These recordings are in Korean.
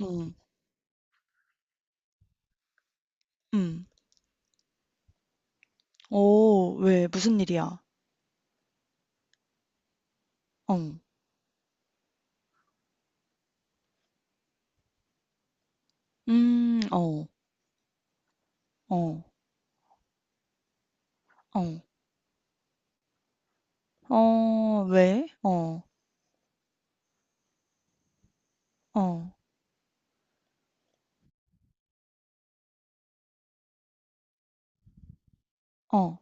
응, 응, 어 왜 무슨 일이야? 어. 음. 어. 어. 어. 어 왜? 어. 어. 어.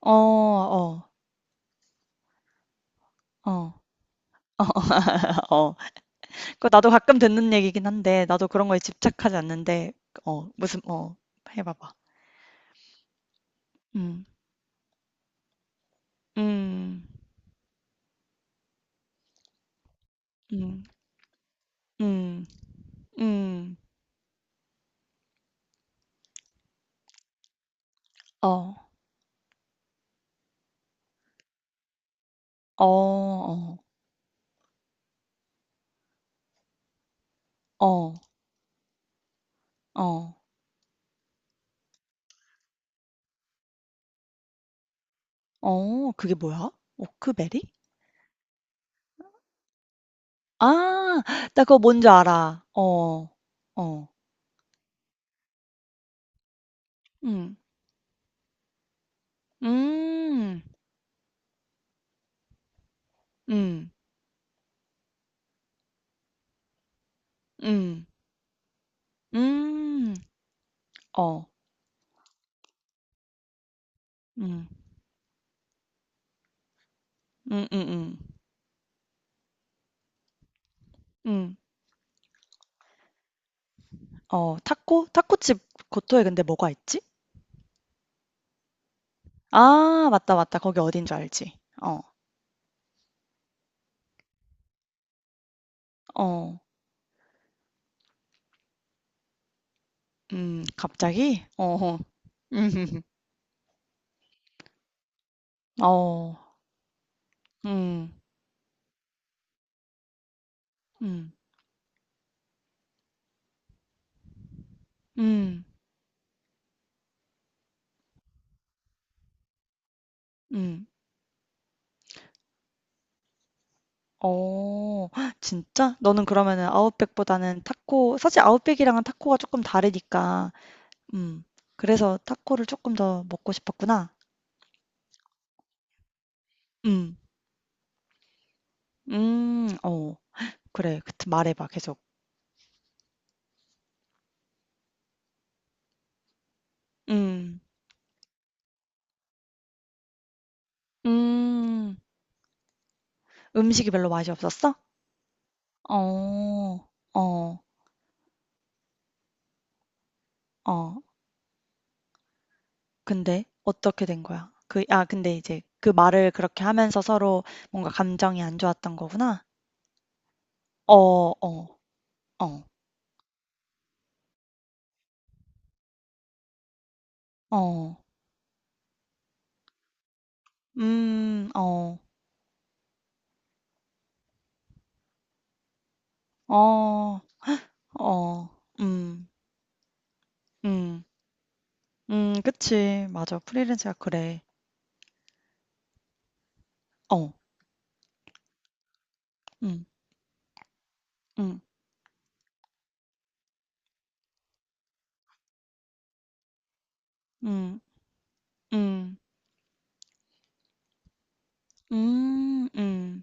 어. 어. 어. 어. 어. 그 나도 가끔 듣는 얘기긴 한데 나도 그런 거에 집착하지 않는데 어 무슨 어 해 봐봐. 음. 음. 음. 음. 음. 어. 어. 어. 어. 어. 어. 그게 뭐야? 오크베리? 아. 나 그거 뭔지 알아. 어. 어. 음. 음. 음. 음. 음. 어. 음. 음음음. 음. 어 타코? 타코집 고토에 근데 뭐가 있지? 아 맞다, 맞다. 거기 어딘 줄 알지. 어. 어. 음. 갑자기? 어어. 음. 어. 음. 음. 음. 음. 음. 어. 진짜? 너는 그러면은 아웃백보다는 타코 사실 아웃백이랑은 타코가 조금 다르니까 음, 그래서 타코를 조금 더 먹고 싶었구나. 음. 음. 어. 그래. 그 말해 봐 계속. 음. 음. 음식이 별로 맛이 없었어? 어. 어. 어. 근데 어떻게 된 거야? 그 아 근데 이제 그 말을 그렇게 하면서 서로 뭔가 감정이 안 좋았던 거구나? 어. 어. 어. 어. 음. 어. 어. 어. 음. 음. 음. 그치. 맞아. 프리랜서가 그래. 어. 음. 음. 음. 음. 음. 음.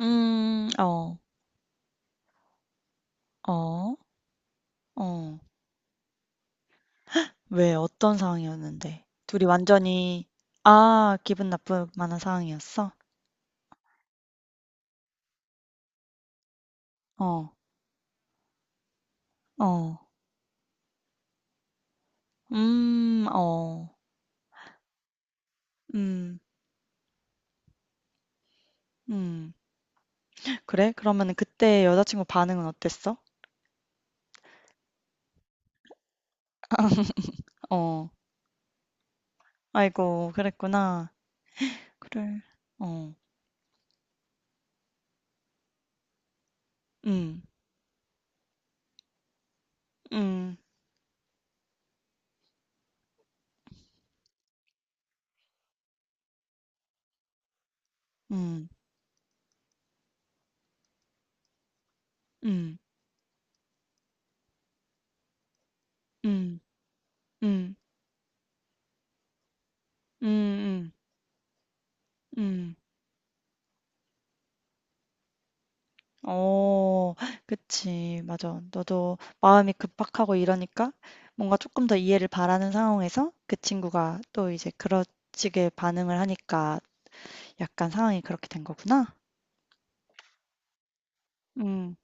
음. 어. 어. 어. 왜 어떤 상황이었는데? 둘이 완전히 아, 기분 나쁠 만한 상황이었어? 어. 어. 음. 어. 음. 음. 그래? 그러면 그때 여자친구 반응은 어땠어? 어. 아이고, 그랬구나. 그래. 어. 음, 음, 음, 음, 음, 음, 음, 음, 음. 음, 음, 음. 어, 그치. 맞아. 너도 마음이 급박하고 이러니까 뭔가 조금 더 이해를 바라는 상황에서 그 친구가 또 이제 그렇지게 반응을 하니까 약간 상황이 그렇게 된 거구나. 음,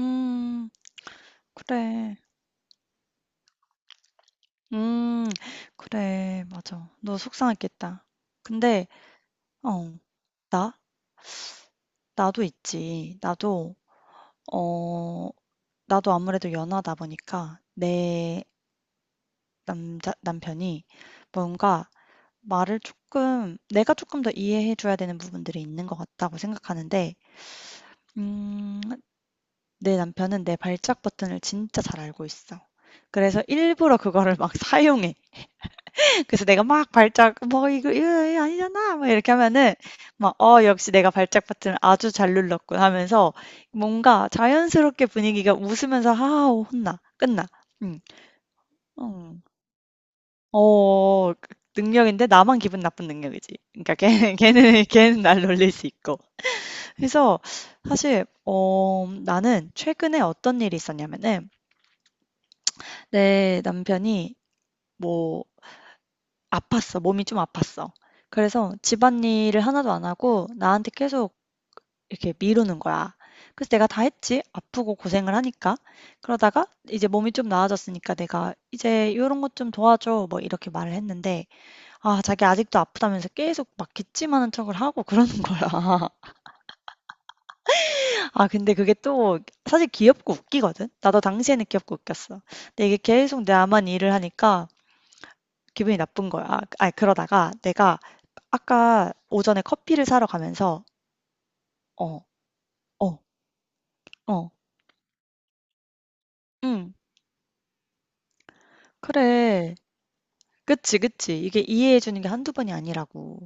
음, 그래. 음, 그래. 맞아. 너 속상했겠다. 근데, 어, 나? 나도 있지. 어, 나도 아무래도 연하다 보니까 내 남자 남편이 뭔가 말을 조금 내가 조금 더 이해해 줘야 되는 부분들이 있는 것 같다고 생각하는데 음, 내 남편은 내 발작 버튼을 진짜 잘 알고 있어. 그래서 일부러 그거를 막 사용해. 그래서 내가 막 발작 "뭐 이거 이거 아니잖아." 막 이렇게 하면은 막 '어 역시 내가 발작 버튼을 아주 잘 눌렀군.' 하면서 뭔가 자연스럽게 분위기가 웃으면서 하하 혼나. 끝나. 응. 어. 어 그 능력인데 나만 기분 나쁜 능력이지. 그러니까 걔는 걔는 날 놀릴 수 있고. 그래서 사실 나는 최근에 어떤 일이 있었냐면은 내 남편이 뭐 아팠어. 몸이 좀 아팠어. 그래서 집안일을 하나도 안 하고 나한테 계속 이렇게 미루는 거야. 그래서 내가 다 했지. 아프고 고생을 하니까. 그러다가 이제 몸이 좀 나아졌으니까 내가 이제 이런 것 좀 도와줘. 뭐 이렇게 말을 했는데 아 자기 아직도 아프다면서 계속 막 기침하는 척을 하고 그러는 거야. 아 근데 그게 또 사실 귀엽고 웃기거든. 나도 당시에는 귀엽고 웃겼어. 근데 이게 계속 나만 일을 하니까 기분이 나쁜 거야. 아 그러다가 내가 아까 오전에 커피를 사러 가면서 어, 어, 어, 응, 그래. 그치, 그치. 이게 이해해 주는 게 한두 번이 아니라고.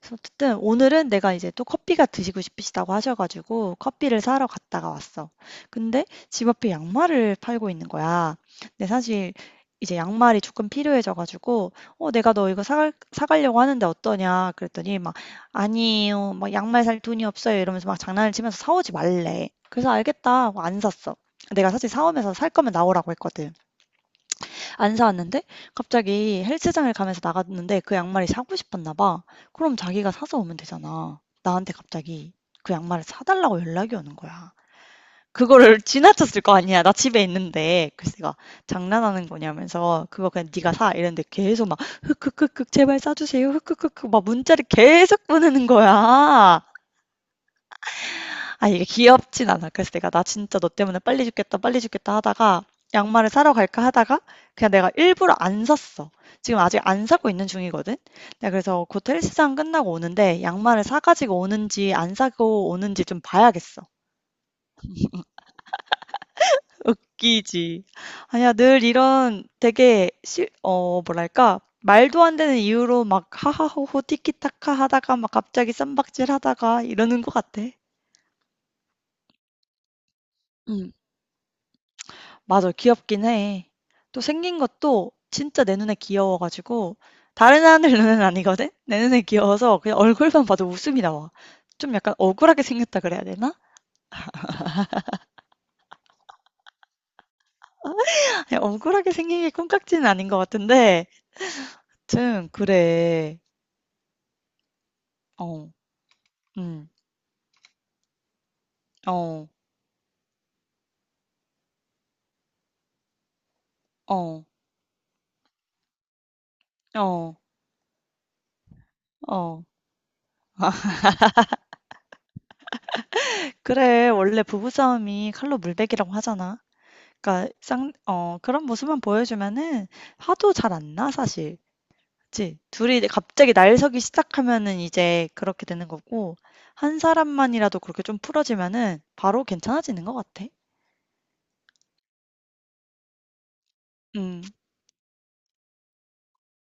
그래서 어쨌든 오늘은 내가 이제 또 커피가 드시고 싶으시다고 하셔 가지고 커피를 사러 갔다가 왔어. 근데 집 앞에 양말을 팔고 있는 거야. 근데 사실 이제 양말이 조금 필요해져 가지고 "어 내가 너 이거 사갈 사 가려고 하는데 어떠냐." 그랬더니 막 "아니에요. 막 양말 살 돈이 없어요." 이러면서 막 장난을 치면서 사 오지 말래. 그래서 "알겠다." 하고 안 샀어. 내가 사실 사오면서 "살 거면 나오라."고 했거든. 안 사왔는데 갑자기 헬스장을 가면서 나갔는데 그 양말이 사고 싶었나 봐. 그럼 자기가 사서 오면 되잖아. 나한테 갑자기 그 양말을 사달라고 연락이 오는 거야. 그거를 지나쳤을 거 아니야. 나 집에 있는데 글쎄가 장난하는 거냐면서 그거 그냥 네가 사 이랬는데 계속 막 흑흑흑흑 제발 사주세요 흑흑흑흑 막 문자를 계속 보내는 거야. 아 이게 귀엽진 않아. 그래서 내가 나 진짜 너 때문에 빨리 죽겠다, 빨리 죽겠다 하다가 양말을 사러 갈까 하다가 그냥 내가 일부러 안 샀어. 지금 아직 안 사고 있는 중이거든. 내가 그래서 곧 헬스장 끝나고 오는데 양말을 사가지고 오는지 안 사고 오는지 좀 봐야겠어. 웃기지. 아니야, 늘 이런 되게 뭐랄까. 말도 안 되는 이유로 막 하하호호 티키타카 하다가 막 갑자기 쌈박질 하다가 이러는 것 같아. 음. 맞아. 귀엽긴 해. 또 생긴 것도 진짜 내 눈에 귀여워 가지고 다른 사람들 눈에는 아니거든. 내 눈에 귀여워서 그냥 얼굴만 봐도 웃음이 나와. 좀 약간 억울하게 생겼다 그래야 되나? 아니, 억울하게 생긴 게 콩깍지는 아닌 것 같은데 좀 그래. 어. 음. 어. 어. 어. 어. 그래. 원래 부부싸움이 칼로 물베기라고 하잖아. 그러니까 그런 모습만 보여주면은 화도 잘 안 나, 사실. 그치. 둘이 이제 갑자기 날 서기 시작하면은 이제 그렇게 되는 거고, 한 사람만이라도 그렇게 좀 풀어지면은 바로 괜찮아지는 것 같아. 음,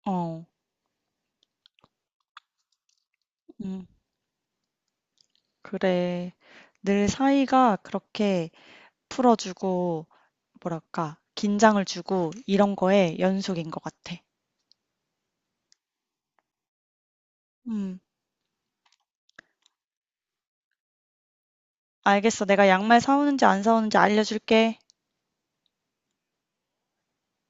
어, 음, 그래. 늘 사이가 그렇게 풀어주고, 뭐랄까, 긴장을 주고, 이런 거에 연속인 것 같아. 음, 알겠어. 내가 양말 사오는지 안 사오는지 알려줄게.